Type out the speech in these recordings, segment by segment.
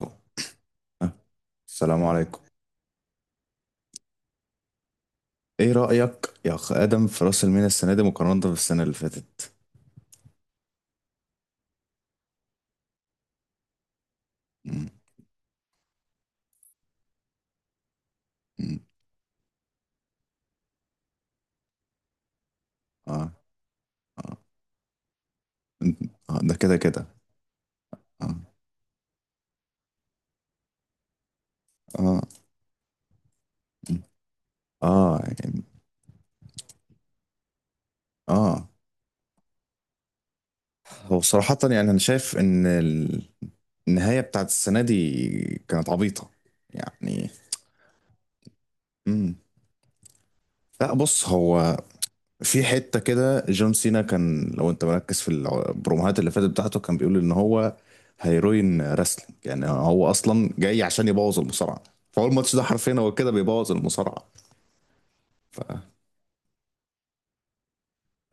آه، السلام عليكم. ايه رأيك يا اخ ادم في راس المينا السنة دي مقارنة بالسنة اللي فاتت؟ مم، مم، اه، مم، آه، ده كده كده. اه، اه، مم، اه، يعني اه، هو صراحة يعني انا شايف ان النهاية بتاعت السنة دي كانت عبيطة يعني. مم. لا بص، هو في حتة كده جون سينا كان، لو انت مركز في البروموهات اللي فاتت بتاعته، كان بيقول ان هو هيروين راسلينج، يعني هو اصلا جاي عشان يبوظ المصارعة. فهو الماتش ده حرفيا هو كده بيبوظ المصارعة. ف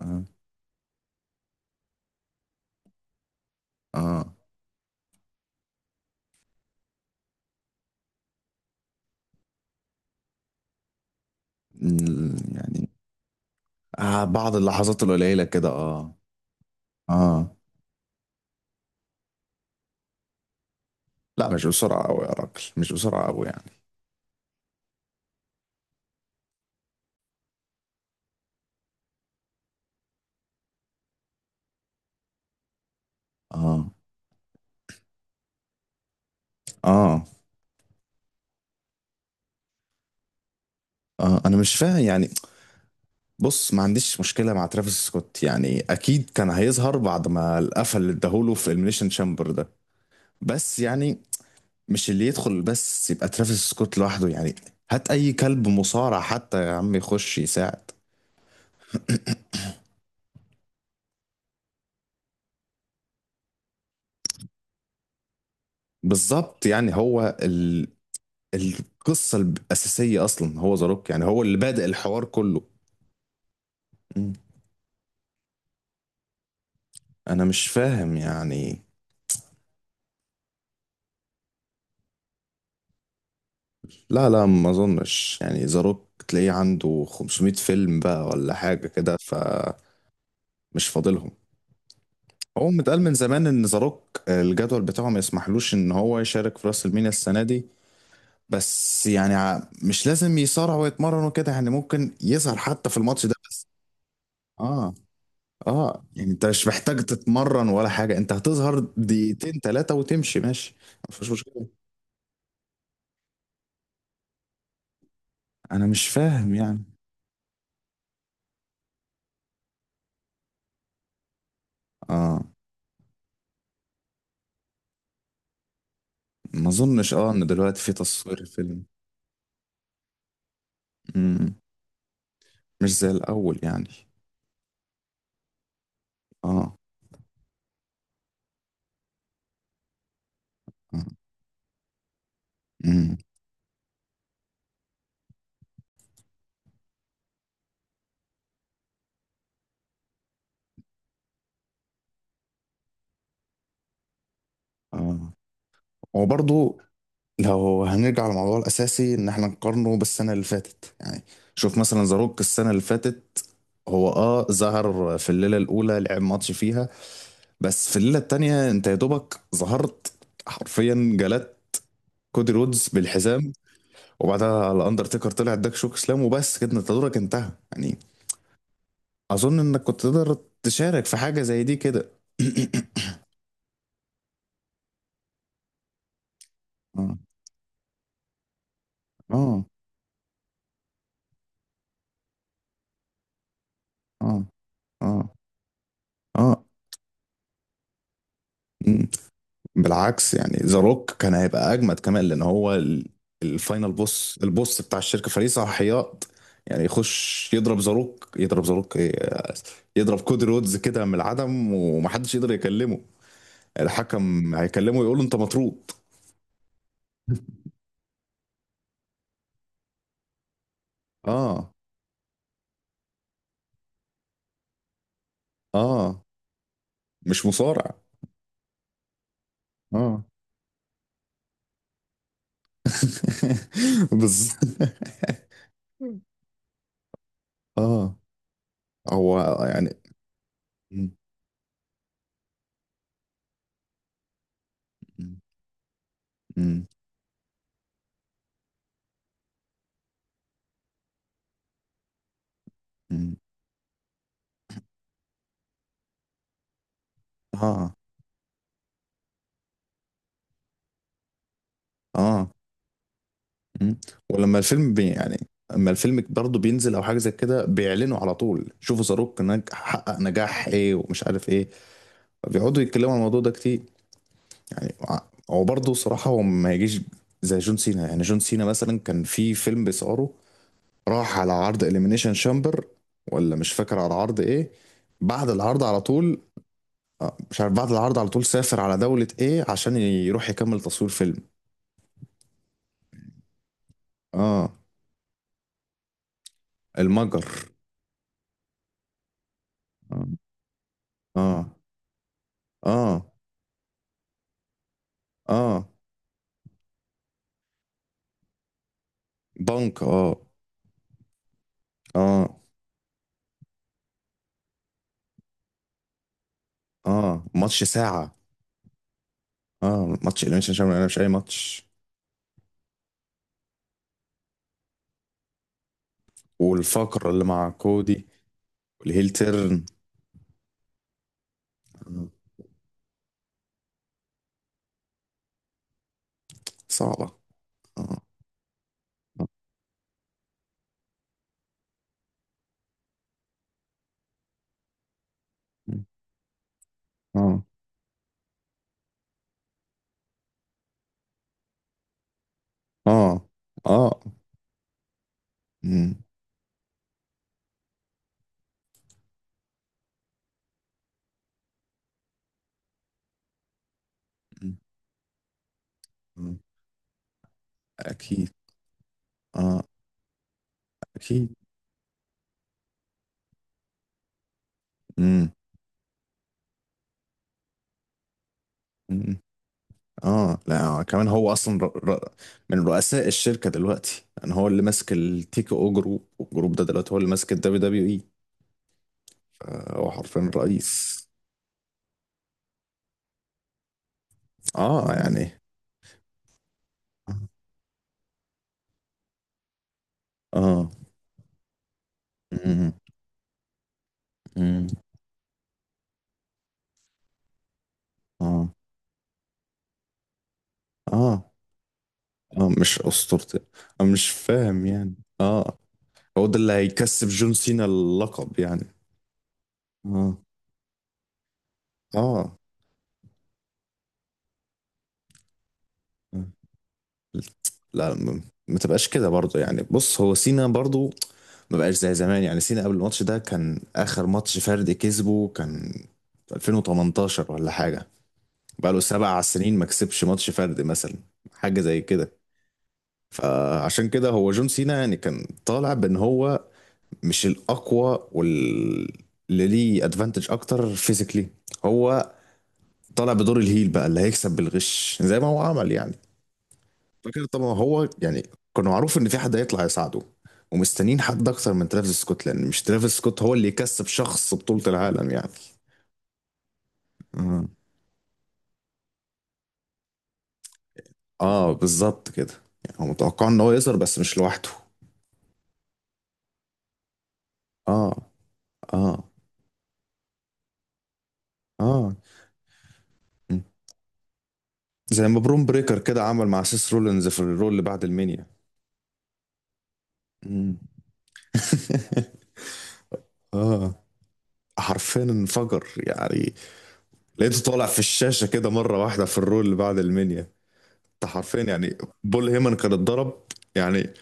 اه, آه. يعني آه بعض اللحظات القليلة كده. اه، اه. لا مش بسرعة قوي يا راجل، مش بسرعة قوي يعني. اه، اه، اه، انا مش فاهم يعني. بص ما عنديش مشكلة مع ترافيس سكوت، يعني أكيد كان هيظهر بعد ما القفل اللي اداهوله في إليمينيشن شامبر ده. بس يعني مش اللي يدخل بس يبقى ترافيس سكوت لوحده يعني. هات أي كلب مصارع حتى يا عم يخش يساعد. بالظبط. يعني هو القصة الأساسية أصلا هو ذا روك، يعني هو اللي بادئ الحوار كله. مم. أنا مش فاهم يعني. لا، لا، ما أظنش، يعني ذا روك تلاقيه عنده 500 فيلم بقى ولا حاجة كده. فمش فاضلهم. هو متقال من زمان ان ذا روك، الجدول بتاعه ما يسمحلوش ان هو يشارك في راس المينيا السنه دي. بس يعني مش لازم يصارع ويتمرن وكده، يعني ممكن يظهر حتى في الماتش ده بس. اه، اه، يعني انت مش محتاج تتمرن ولا حاجه، انت هتظهر دقيقتين ثلاثه وتمشي ماشي. مفيش مشكله. انا مش فاهم يعني. اه، ما اظنش ان دلوقتي في تصوير الفيلم. مم. مش زي الاول يعني. اه، اه، مم. اه، هو برضه، لو هنرجع للموضوع الأساسي إن إحنا نقارنه بالسنة اللي فاتت يعني، شوف مثلا زاروك السنة اللي فاتت، هو ظهر في الليلة الأولى، لعب ماتش فيها. بس في الليلة التانية أنت يا دوبك ظهرت، حرفيا جلدت كودي رودز بالحزام. وبعدها الأندرتيكر طلع اداك شوك سلام وبس كده أنت دورك انتهى يعني. أظن إنك كنت تقدر تشارك في حاجة زي دي كده. آه، آه، آه، آه، آه، بالعكس، يعني ذا روك كان هيبقى اجمد كمان، لان هو الفاينل بوس، البوس بتاع الشركه، فريق صلاحيات. يعني يخش يضرب ذا روك، يضرب ذا روك ايه، يضرب كودي رودز كده من العدم ومحدش يقدر يكلمه. الحكم هيكلمه يقول له انت مطرود. اه، اه، مش مصارع. اه، بالظبط. اه، هو يعني م- م- م- م- اه، اه، مم. ولما الفيلم يعني اما الفيلم برضه بينزل او حاجه زي كده، بيعلنوا على طول، شوفوا زاروك حقق نجاح ايه ومش عارف ايه، بيقعدوا يتكلموا عن الموضوع ده كتير. يعني هو برضه صراحه هو ما يجيش زي جون سينا، يعني جون سينا مثلا كان في فيلم بيصوره، راح على عرض اليمينيشن شامبر، ولا مش فاكر على عرض ايه، بعد العرض على طول. آه، مش عارف بعد العرض على طول سافر على دولة ايه عشان يروح يكمل تصوير فيلم. اه، المجر. اه، اه، اه، آه. بنك، اه، اه، اه، ماتش ساعة. اه، ماتش إليميشن شامبيون، انا مش اي ماتش. والفقرة اللي مع كودي والهيل تيرن. آه. صعبة. اه، اه، اه، اه، آه، مم. مم. اكيد. اه، اكيد. مم. مم. اه، لا، كمان هو اصلا من رؤساء الشركة دلوقتي، يعني هو اللي ماسك التيكي او جروب، والجروب ده دلوقتي هو اللي ماسك الدبليو دبليو اي. هو حرفيا رئيس. اه، يعني اه، آه. مم. مم. اه، اه، اه، مش اسطورتي. انا مش فاهم يعني. اه، هو ده اللي هيكسب جون سينا اللقب يعني. اه، اه، لا، ما تبقاش كده برضه، يعني بص هو سينا برضه ما بقاش زي زمان. يعني سينا قبل الماتش ده كان اخر ماتش فردي كسبه كان في 2018 ولا حاجه. بقاله 7 سنين ما كسبش ماتش فردي مثلا، حاجه زي كده. فعشان كده هو جون سينا يعني كان طالع بان هو مش الاقوى، اللي ليه ادفانتج اكتر فيزيكلي. هو طالع بدور الهيل بقى اللي هيكسب بالغش زي ما هو عمل يعني. فاكر طبعا هو يعني كان معروف ان في حد هيطلع يساعده، ومستنيين حد اكتر من ترافيس سكوت، لان مش ترافيس سكوت هو اللي يكسب شخص بطولة العالم يعني. مم. اه، بالظبط كده. يعني هو متوقع ان هو يظهر بس مش لوحده. اه، اه، اه، مم. زي ما برون بريكر كده عمل مع سيس رولينز في الرول اللي بعد المنيا. مم. اه، حرفيا انفجر يعني. لقيته طالع في الشاشة كده مرة واحدة في الرول اللي بعد المنيا. انت حرفيا يعني بول هيمن كان اتضرب، يعني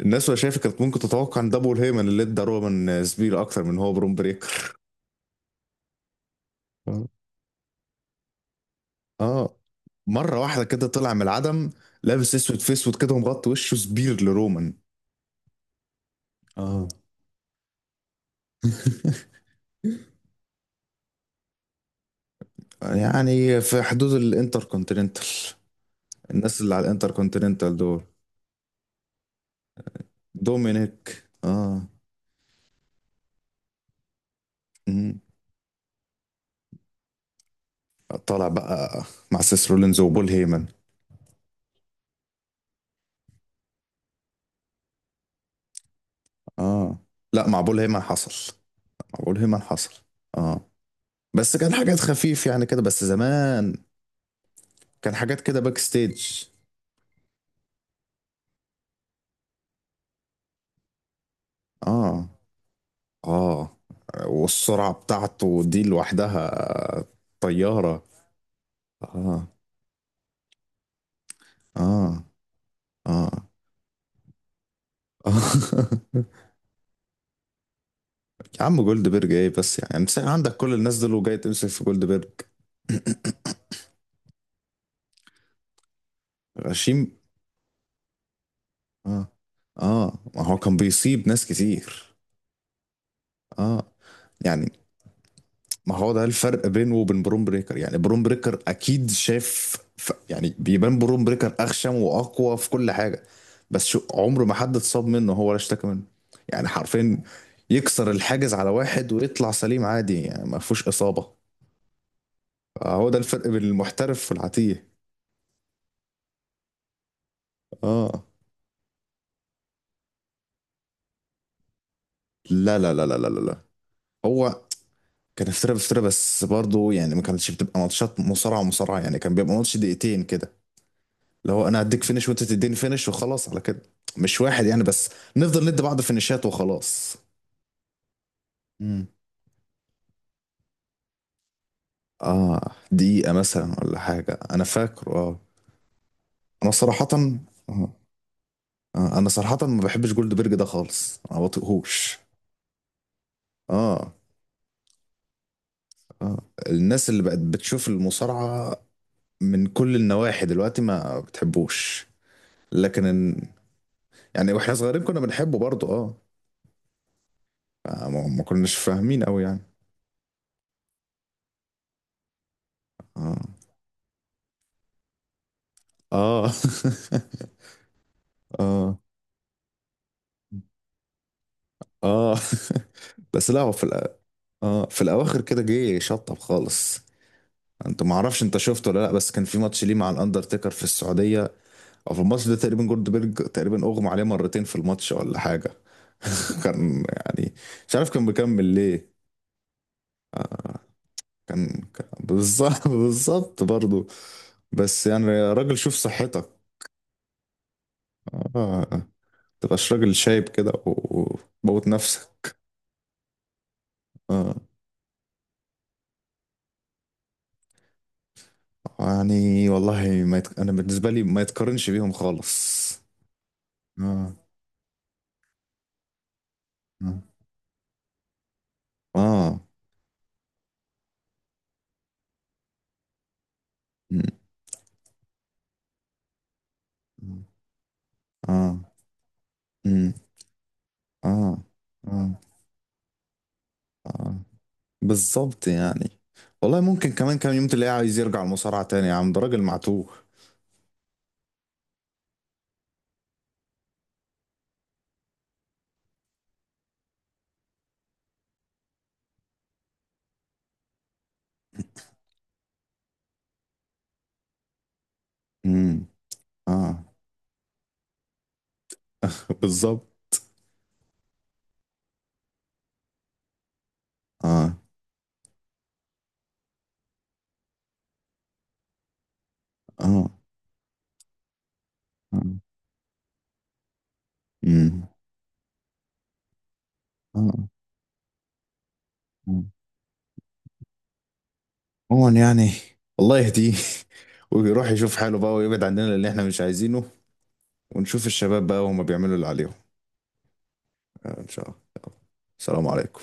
الناس وهي شايفة كانت ممكن تتوقع ان ده بول هيمن اللي ادى رومان سبير اكتر من هو برون بريكر. آه. اه، مرة واحدة كده طلع من العدم، لابس اسود في اسود كده ومغطي وشه، سبير لرومان. اه، يعني في حدود الانتر كونتيننتال، الناس اللي على الانتر كونتيننتال دول، دومينيك، اه. طالع بقى مع سيس رولينز وبول هيمن. اه، لا، مع بول هيمن حصل. اه، بس كان حاجات خفيف يعني كده بس، زمان. كان حاجات كده باك ستيج. اه، اه، والسرعة بتاعته دي لوحدها طيارة. اه، اه، اه، يا عم جولد بيرج ايه بس يعني؟ امسك عندك كل الناس دول وجاي تمسك في جولد بيرج؟ غشيم. اه، اه، ما هو كان بيصيب ناس كتير. اه، يعني، ما هو ده الفرق بينه وبين بروم بريكر. يعني بروم بريكر اكيد شاف يعني بيبان بروم بريكر اخشم واقوى في كل حاجه، بس شو عمره ما حد اتصاب منه هو ولا اشتكى منه. يعني حرفيا يكسر الحاجز على واحد ويطلع سليم عادي، يعني ما فيهوش اصابه. هو ده الفرق بين المحترف والعتيه. اه، لا، لا، لا، لا، لا، لا، لا. هو كان افتراء افتراء، بس برضه يعني ما كانتش بتبقى ماتشات مصارعه مصارعه. يعني كان بيبقى ماتش دقيقتين كده. لو انا هديك فينش وانت تديني فينش وخلاص على كده، مش واحد يعني بس، نفضل ندي بعض فينشات وخلاص. امم. اه، دقيقة مثلا ولا حاجة انا فاكره اه. انا صراحة، آه. آه، انا صراحة ما بحبش جولد بيرج ده خالص، ما بطيقهوش. اه، اه، الناس اللي بقت بتشوف المصارعة من كل النواحي دلوقتي ما بتحبوش. لكن إن- يعني واحنا صغيرين كنا بنحبه برضه اه. آه، ما كناش فاهمين قوي يعني. اه، اه، اه، اه، بس لا، هو في اه في الاواخر كده جه شطب خالص. انت ما اعرفش انت شفته ولا لا، بس كان في ماتش ليه مع الاندرتيكر في السعوديه، او في الماتش ده تقريبا جولدبرج تقريبا اغمى عليه مرتين في الماتش ولا حاجه. كان يعني مش عارف كان مكمل ليه. كان, كان بالظبط. بالظبط برضه بس يعني يا راجل شوف صحتك. اه، تبقاش راجل شايب كده وبوت نفسك. اه، يعني والله ما يت... انا بالنسبه لي ما يتقارنش بيهم خالص. آه، آه، آه، مم، مم، آه، مم، آه، آه، آه، بالظبط. يعني والله ممكن كمان كام يوم تلاقيه عايز يرجع المصارعة تاني يا عم، ده راجل معتوه. مم، آه، بالظبط. آه، آه، امم، آه، مم، آه، آه. عموما يعني، الله يهديه ويروح يشوف حاله بقى ويبعد عننا اللي احنا مش عايزينه. ونشوف الشباب بقى وهما بيعملوا اللي عليهم. آه، إن شاء الله. السلام عليكم.